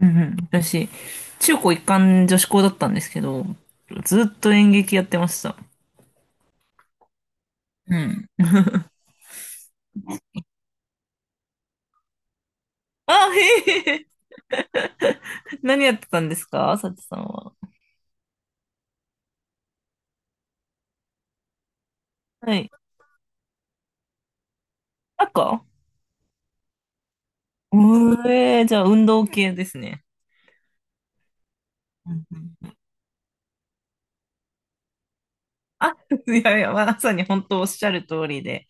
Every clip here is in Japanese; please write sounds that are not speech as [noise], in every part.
うんうん、私、中高一貫女子校だったんですけど、ずっと演劇やってました。うん。[laughs] あ、へえ、何やってたんですかさちさんは？はい。赤うえー、じゃあ運動系ですね。うんうん、あ、[laughs] いやいや、まさに本当おっしゃる通りで、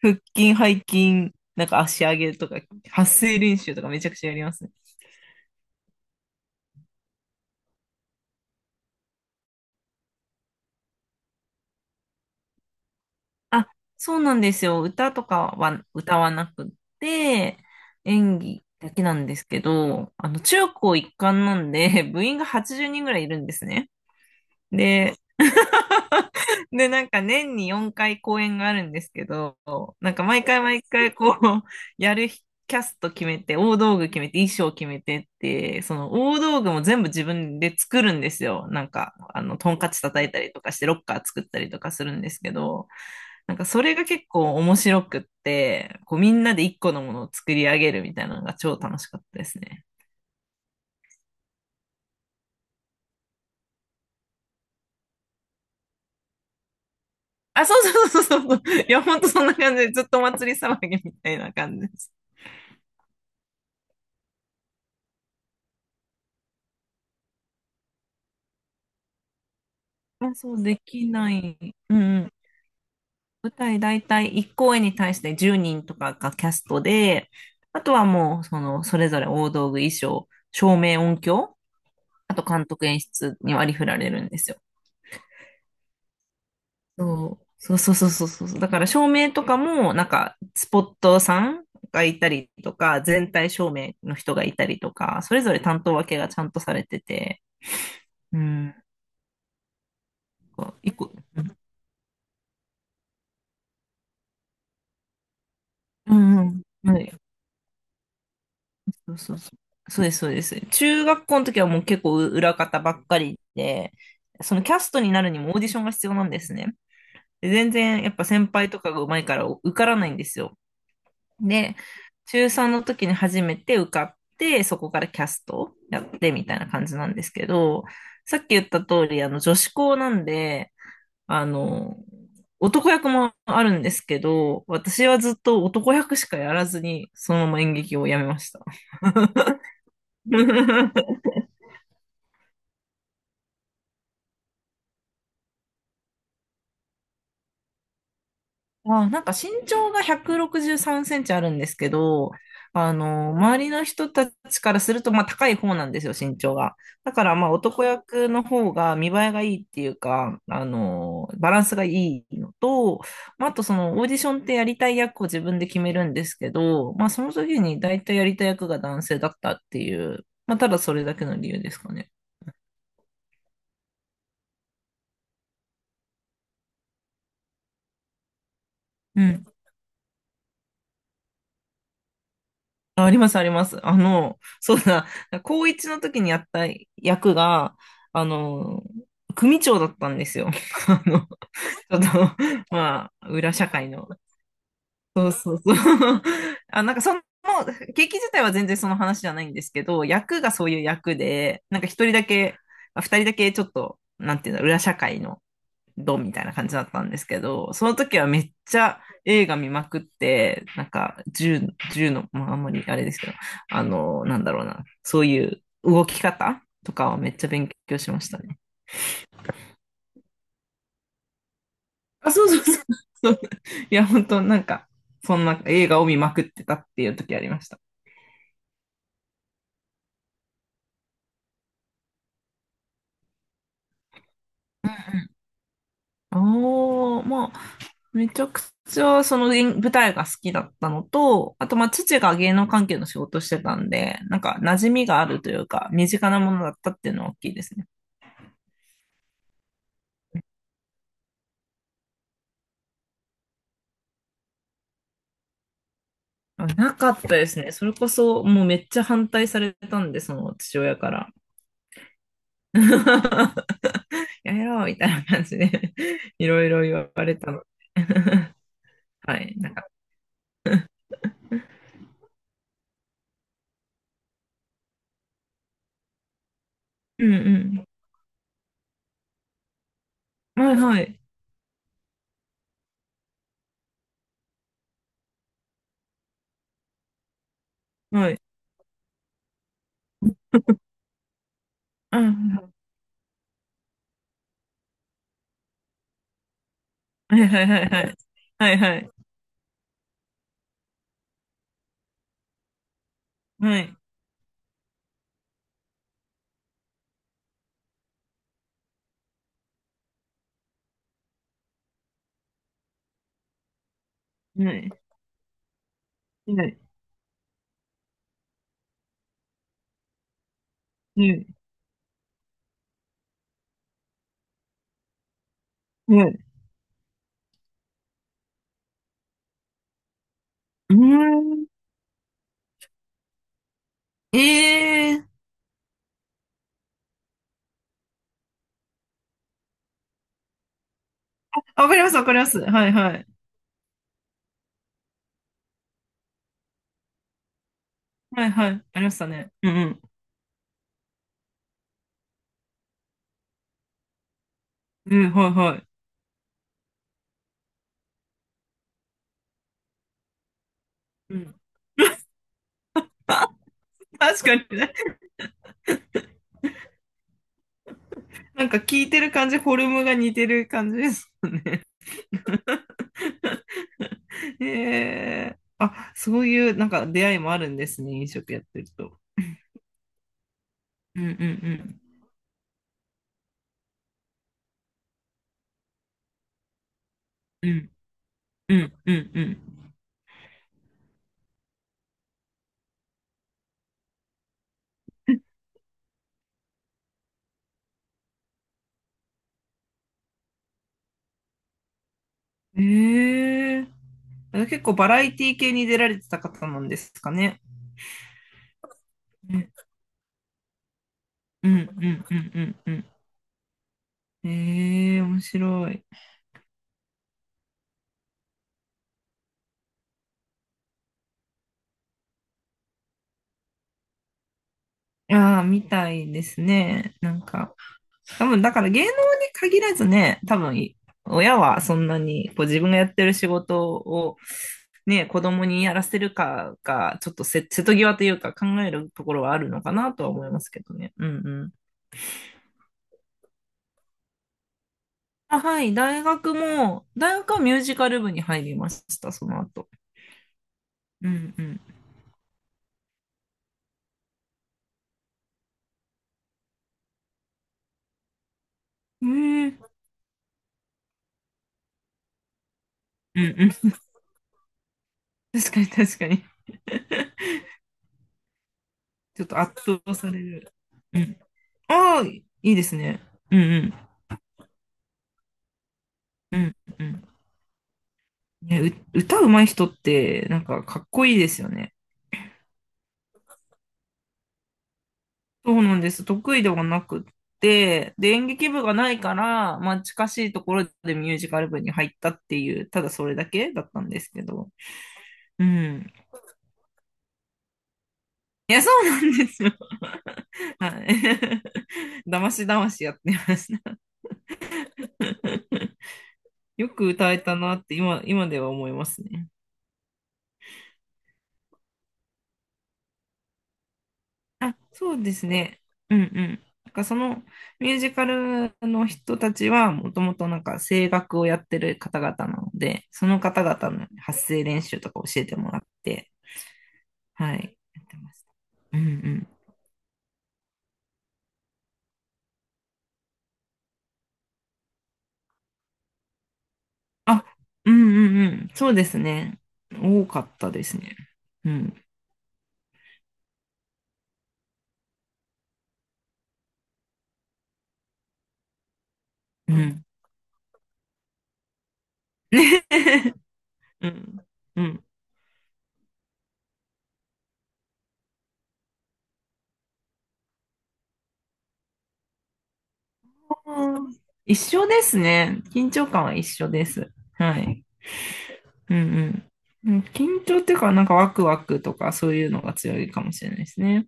腹筋、背筋、なんか足上げとか、発声練習とかめちゃくちゃやりますね。あ、そうなんですよ。歌とかは歌わなくって、演技だけなんですけど、中高一貫なんで、[laughs] 部員が80人ぐらいいるんですね。で、[laughs] なんか年に4回公演があるんですけど、なんか毎回毎回こう、やる日キャスト決めて、大道具決めて、衣装決めてって、その大道具も全部自分で作るんですよ。なんか、トンカチ叩いたりとかして、ロッカー作ったりとかするんですけど、なんかそれが結構面白くって、こうみんなで一個のものを作り上げるみたいなのが超楽しかったですね。あ、そうそうそうそうそう。いや、ほんとそんな感じで、ずっとお祭り騒ぎみたいな感じです。あ、そうできない。うんうん。舞台大体1公演に対して10人とかがキャストで、あとはもう、その、それぞれ大道具、衣装、照明、音響、あと監督演出に割り振られるんですよ。そうそうそうそうそうそう。だから照明とかも、なんか、スポットさんがいたりとか、全体照明の人がいたりとか、それぞれ担当分けがちゃんとされてて、うん、こう一個、うんうん、そうそうそう。そうです、そうです。中学校の時はもう結構裏方ばっかりで、そのキャストになるにもオーディションが必要なんですね。で、全然やっぱ先輩とかが上手いから受からないんですよ。で、中3の時に初めて受かって、そこからキャストやってみたいな感じなんですけど、さっき言った通り、女子校なんで、あの、男役もあるんですけど、私はずっと男役しかやらずに、そのまま演劇をやめました。[laughs] あ、なんか身長が163センチあるんですけど、周りの人たちからすると、まあ高い方なんですよ、身長が。だからまあ男役の方が見栄えがいいっていうか、バランスがいいのと、まああとそのオーディションってやりたい役を自分で決めるんですけど、まあその時に大体やりたい役が男性だったっていう、まあただそれだけの理由ですかね。うん。あ、あります、あります。そうだ、高一の時にやった役が、あの、組長だったんですよ。[laughs] ちょっと、まあ、裏社会の。そうそうそう。[laughs] あ、なんかその、劇自体は全然その話じゃないんですけど、役がそういう役で、なんか一人だけ、あ二人だけちょっと、なんていうの、裏社会の、ドみたいな感じだったんですけど、その時はめっちゃ映画見まくって、なんか銃の、まああんまりあれですけど、なんだろうな、そういう動き方とかはめっちゃ勉強しましたね。あ、そうそうそう。[laughs] そういや、本当なんか、そんな映画を見まくってたっていう時ありました。ああ、まあ、めちゃくちゃその演舞台が好きだったのと、あとまあ父が芸能関係の仕事してたんで、なんか馴染みがあるというか、身近なものだったっていうのは大きいですね。あなかったですね。それこそ、もうめっちゃ反対されたんで、その父親から。[laughs] やめろみたいな感じで [laughs] いろいろ言われたので [laughs] はい。なんか、うんうん。はいはい。はい。あはいはいはいはい。はいはい。はい。はい。はい。はい。はい。うーん。ええー。あわかります、わかります。はいはい。はいはい。ありましたね。うんうん。うん、はいはい。うん。確かにね。なんか聞いてる感じ、フォルムが似てる感じですもんね。[laughs] へえ。あ、そういうなんか出会いもあるんですね、飲食やってると。うんうんうん。うんうんうんうん。へえ。あ結構バラエティ系に出られてた方なんですかね？うんうんうんうんうんうん。へえ、面白い。ああ、みたいですね。なんか。多分、だから芸能に限らずね、多分、親はそんなに、こう自分がやってる仕事を、ね、子供にやらせるかが、ちょっと瀬戸際というか考えるところはあるのかなとは思いますけどね。うんうん。あ、はい、大学はミュージカル部に入りました、その後。うんうん。えー、うんうん。[laughs] 確かに確かに。ちょっと圧倒される。うん。ああ、いいですね。うんうん。うんうん。ね、歌うまい人って、なんかかっこいいですよね。そうなんです。得意ではなくって、で、演劇部がないから、まあ近しいところでミュージカル部に入ったっていう、ただそれだけだったんですけど。うん。いや、そうなんですよ。はい。[laughs] だましだましやってました。[laughs] よく歌えたなって今では思いますね。あ、そうですね。うんうん。なんかそのミュージカルの人たちはもともとなんか声楽をやってる方々なので、その方々の発声練習とか教えてもらって、はい、やってました。うんうん。あ、うんうんうん。そうですね。多かったですね。うん。うん。[laughs] うん。うん。一緒ですね。緊張感は一緒です。はい。うんうん。緊張っていうか、なんかワクワクとかそういうのが強いかもしれないですね。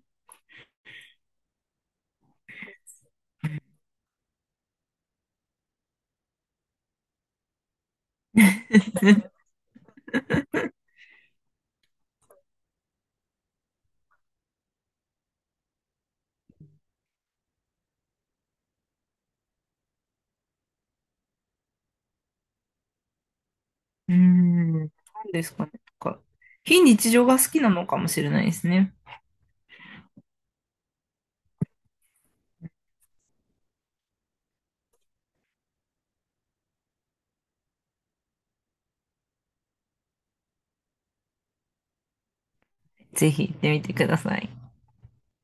うーん。なんですかね。なんか、非日常が好きなのかもしれないですね。ぜひ行ってみてください。